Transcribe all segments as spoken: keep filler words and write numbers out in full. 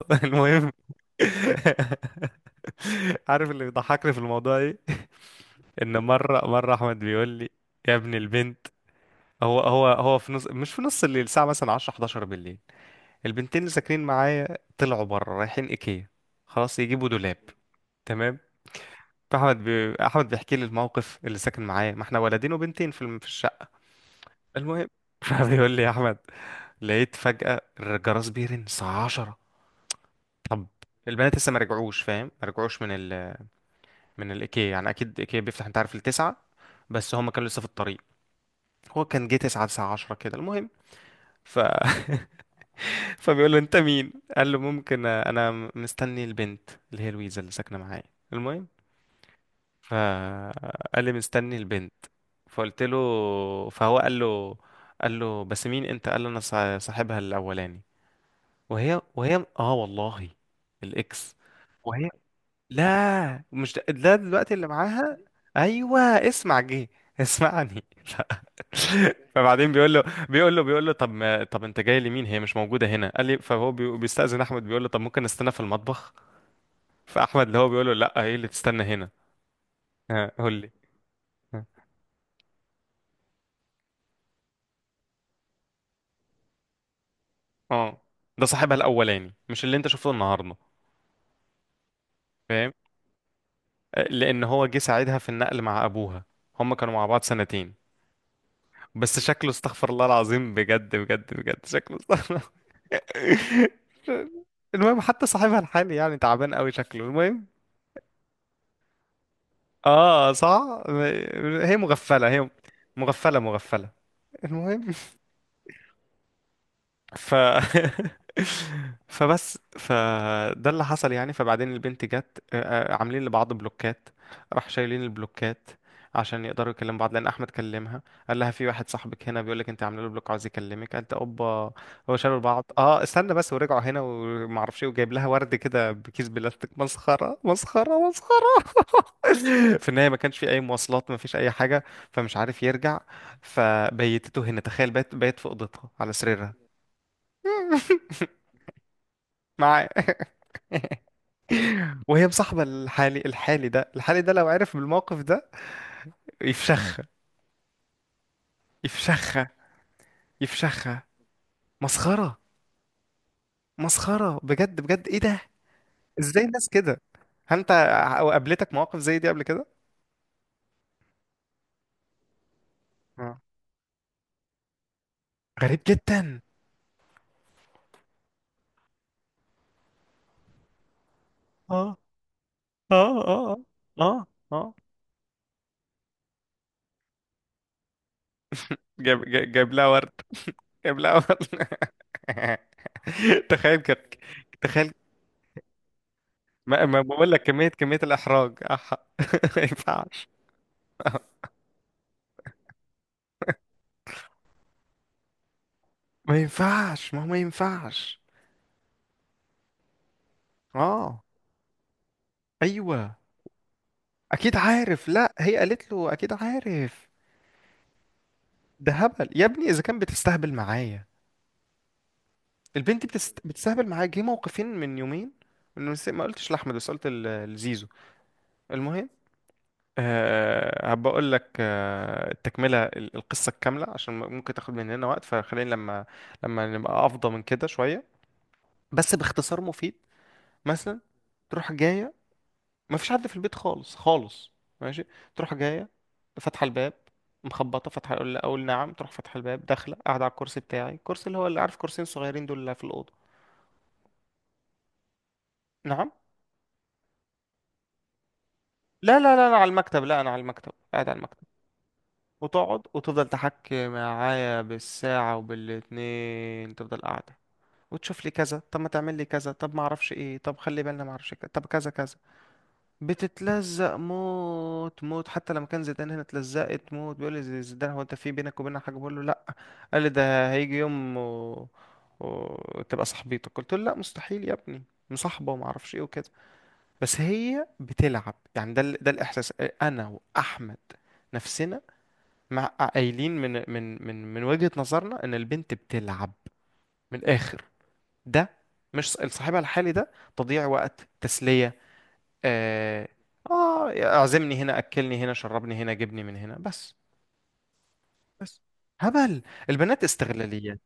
المهم. عارف اللي بيضحكني في الموضوع ايه؟ ان مره مره احمد بيقول لي: يا ابن البنت، هو هو هو في نص، مش في نص الليل، الساعه مثلا عشرة، حداشر بالليل، البنتين اللي ساكنين معايا طلعوا بره رايحين ايكيا. خلاص، يجيبوا دولاب، تمام. فاحمد بي... احمد بيحكي لي الموقف، اللي ساكن معايا، ما احنا ولدين وبنتين في الم- في الشقه. المهم، فبيقول لي: يا احمد، لقيت فجاه الجرس بيرن الساعه عشرة. طب البنات لسه ما رجعوش، فاهم؟ ما رجعوش من ال... من الايكيا يعني، اكيد ايكيا بيفتح، انت عارف، التسعة، بس هم كانوا لسه في الطريق. هو كان جه تسعة، تسعة عشرة كده. المهم، ف فبيقول له: انت مين؟ قال له: ممكن، انا مستني البنت اللي هي لويزا اللي ساكنه معايا. المهم، فقال لي: مستني البنت. فقلت له، فهو قال له، قال له: بس مين انت؟ قال له: انا صا- صاحبها الاولاني. وهي وهي اه والله، الاكس. لا مش ده، ده دلوقتي اللي معاها. ايوه اسمع، جه. اسمعني. ف- فبعدين بيقول له، بيقول له بيقول له: طب ما، طب انت جاي لمين؟ هي مش موجوده هنا. قال لي فهو بي- بيستأذن احمد، بيقول له: طب ممكن نستنى في المطبخ؟ فاحمد اللي هو بيقول له: لا، ايه اللي تستنى هنا؟ ها، قول لي. ها. اه، ده صاحبها الاولاني، مش اللي انت شفته النهارده، فاهم؟ آه، لان هو جه ساعدها في النقل مع ابوها، هم كانوا مع بعض سنتين. بس شكله استغفر الله العظيم، بجد بجد بجد، شكله استغفر. المهم، حتى صاحبها الحالي يعني تعبان قوي شكله. المهم، اه صح، هي مغفلة هي، مغفلة مغفلة. المهم، ف فبس فده اللي حصل يعني. فبعدين البنت جت، آه، آه، عاملين لبعض بلوكات، راح شايلين البلوكات عشان يقدروا يكلموا بعض، لان احمد كلمها. قال لها: في واحد صاحبك هنا بيقول لك انت عامله له بلوك، عاوز يكلمك. قالت: اوبا. هو شالوا بعض، اه استنى بس، ورجعوا هنا وما اعرفش ايه، وجايب لها ورد كده بكيس بلاستيك، مسخره مسخره مسخره. في النهايه ما كانش في اي مواصلات، ما فيش اي حاجه، فمش عارف يرجع. فبيتته هنا، تخيل، بيت بيت في اوضتها على سريرها. معاه. وهي مصاحبة الحالي، الحالي ده، الحالي ده لو عرف بالموقف ده يفشخها، يفشخها، يفشخها. مسخرة، مسخرة بجد بجد، ايه ده؟ ازاي الناس كده؟ هل انت ع- قابلتك مواقف زي دي قبل كده؟ آه. غريب جدا. اه اه اه، اه اه اه. جاب جاب جاب لها ورد، جاب لها ورد. تخيل كده، تخيل. ما ما بقول لك، كمية كمية الإحراج أح... ما ينفعش، ما ينفعش، ما هو ما ينفعش. اه، ايوه اكيد عارف، لا هي قالت له اكيد عارف. ده هبل يا ابني، اذا كان بتستهبل معايا، البنت بتست... بتستهبل معايا، جه موقفين من يومين. انه نسيت- ما قلتش لاحمد، بس قلت ل- لزيزو. المهم، أه هبقى اقول لك أه التكمله، ال- القصه الكامله عشان ممكن تاخد مننا وقت، فخلينا لما، لما نبقى افضى من كده شويه. بس باختصار مفيد: مثلا تروح جايه، ما فيش حد في البيت خالص خالص، ماشي. تروح جايه، فاتحه الباب، مخبطه فاتحه، اقول اقول نعم، تروح فاتحه الباب، داخله قاعده على الكرسي بتاعي، الكرسي اللي هو اللي عارف، كرسيين صغيرين دول اللي في الاوضه. نعم. لا لا لا انا على المكتب، لا انا على المكتب، قاعد على المكتب. وتقعد وتفضل تحكي معايا بالساعه وبالاتنين، تفضل قاعده، وتشوف لي كذا، طب ما تعمل لي كذا، طب ما اعرفش ايه، طب خلي بالنا ما اعرفش كذا، طب كذا كذا. بتتلزق موت موت. حتى لما كان زيدان هنا اتلزقت موت، بيقول لي زي- زيدان: هو انت في بينك وبيننا حاجه؟ بقول له: لا. قال لي: ده هيجي يوم و... وتبقى صاحبتك. قلت له: لا مستحيل يا ابني، مصاحبه وما اعرفش ايه وكده، بس هي بتلعب يعني. ده ال- ده الاحساس. انا واحمد، نفسنا، مع قايلين من من من من وجهه نظرنا ان البنت بتلعب. من الاخر، ده مش ص- صاحبها الحالي ده، تضييع وقت، تسليه. آه، آه، اعزمني هنا، أكلني هنا، شربني هنا، جبني من هنا، بس. بس. هبل. البنات استغلاليات.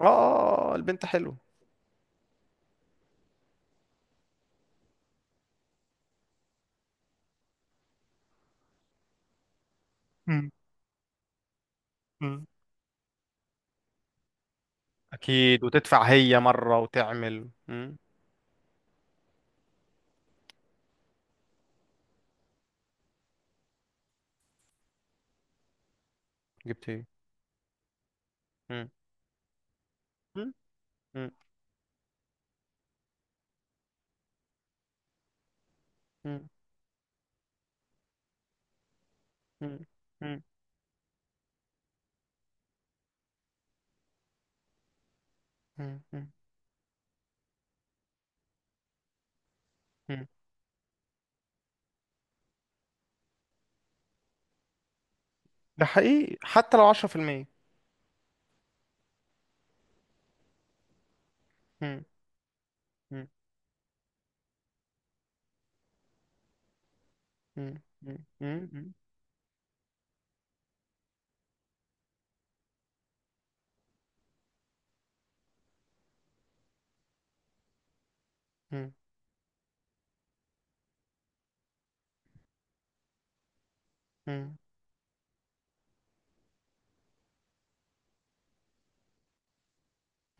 آه، آه، البنت حلوة. مم. مم. أكيد، وتدفع هي مرة، وتعمل مم. جبت إيه؟ مم. مم. مم. مم. مم. مم. مم. مم. مم. ده حقيقي، حتى لو عشرة في المية. مم. مم. مم. مم. مم. مم. مم.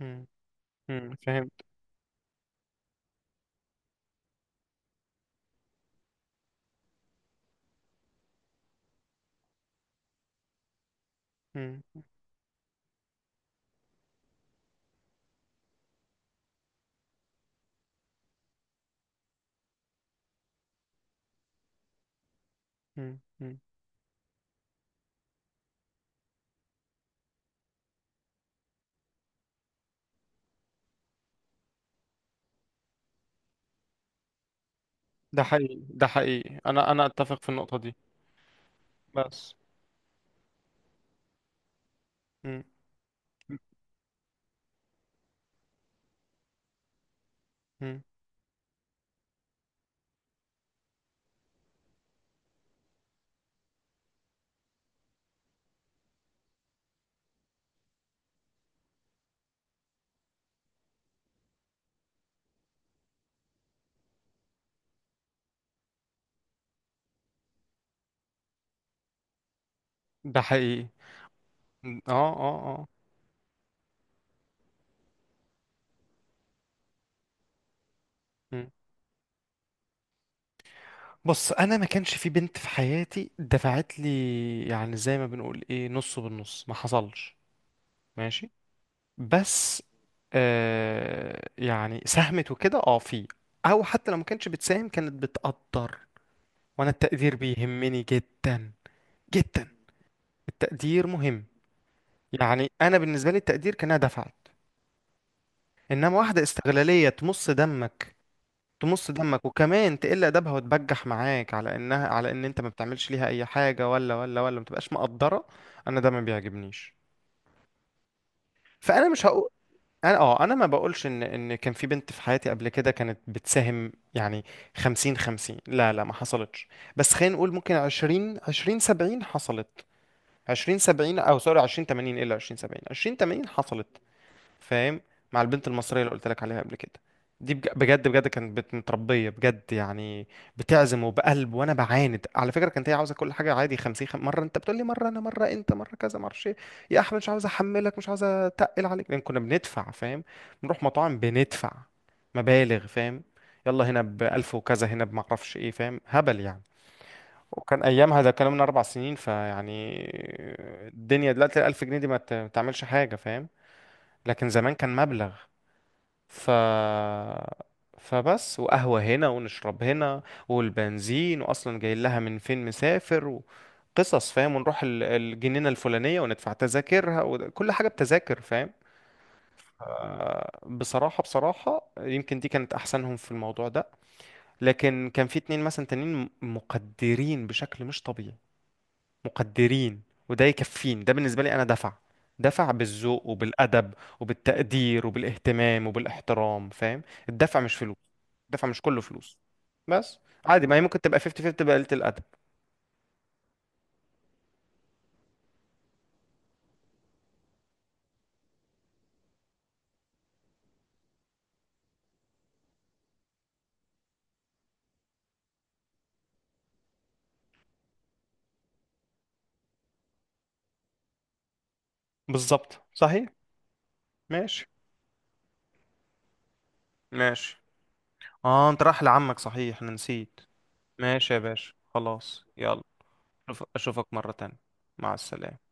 مم. مم. فهمت. مم. مم. مم. ده حقيقي، ده حقيقي، أنا أنا أتفق في النقطة دي. بس. مم. مم. ده حقيقي. إمم. اه، اه اه. مم. بص، انا ما كانش في بنت في حياتي دفعت لي، يعني زي ما بنقول ايه، نص بالنص، ما حصلش. ماشي. بس، آه يعني ساهمت وكده، اه في، او حتى لو ما كانتش بتساهم، كانت بتقدر، وانا التقدير بيهمني جدا، جدا. التقدير مهم. يعني انا بالنسبه لي التقدير كانها دفعت. انما واحده استغلاليه تمص دمك، تمص دمك وكمان تقل ادبها وتبجح معاك، على انها، على ان انت ما بتعملش ليها اي حاجه، ولا ولا ولا ما تبقاش مقدره، انا ده ما بيعجبنيش. فانا مش هقول. انا اه، انا ما بقولش ان ان كان في بنت في حياتي قبل كده كانت بتساهم يعني، خمسين خمسين. لا لا ما حصلتش. بس خلينا نقول ممكن عشرين عشرين سبعين حصلت، عشرين سبعين، او سوري عشرين تمانين، الا عشرين سبعين، عشرين تمانين حصلت، فاهم؟ مع البنت المصرية اللي قلت لك عليها قبل كده، دي بج- بجد بجد كانت بت- متربية بجد يعني. بتعزم وبقلب، وانا بعاند على فكرة، كانت هي عاوزة كل حاجة عادي خمسين، خم... مرة انت بتقول لي، مرة انا، مرة انت، مرة كذا، مرة ايه. يا احمد مش عاوز احملك، مش عاوز اتقل عليك، لان كنا بندفع، فاهم؟ بنروح مطاعم، بندفع مبالغ، فاهم؟ يلا هنا بألف وكذا، هنا بمعرفش ايه، فاهم؟ هبل يعني. وكان ايامها، ده كان من اربع سنين، فيعني الدنيا دلوقتي الألف جنيه دي ما ت- ما تعملش حاجة، فاهم؟ لكن زمان كان مبلغ. ف فبس، وقهوة هنا، ونشرب هنا، والبنزين، وأصلا جاي لها من فين، مسافر وقصص، فاهم؟ ونروح ال- الجنينة الفلانية، وندفع تذاكرها، وكل حاجة بتذاكر، فاهم؟ بصراحة بصراحة يمكن دي كانت أحسنهم في الموضوع ده. لكن كان في اتنين مثلا تانيين م- مقدرين بشكل مش طبيعي، مقدرين. وده يكفيني، ده بالنسبة لي أنا دفع، دفع بالذوق وبالأدب وبالتقدير وبالاهتمام وبالاحترام، فاهم؟ الدفع مش فلوس، دفع مش كله فلوس، بس. عادي، ما هي ممكن تبقى خمسين خمسين، تبقى قلة الأدب. بالظبط صحيح. ماشي، ماشي. اه انت رايح لعمك، صحيح انا نسيت. ماشي يا باشا، خلاص يلا. أشوف- اشوفك مرة تانية. مع السلامة.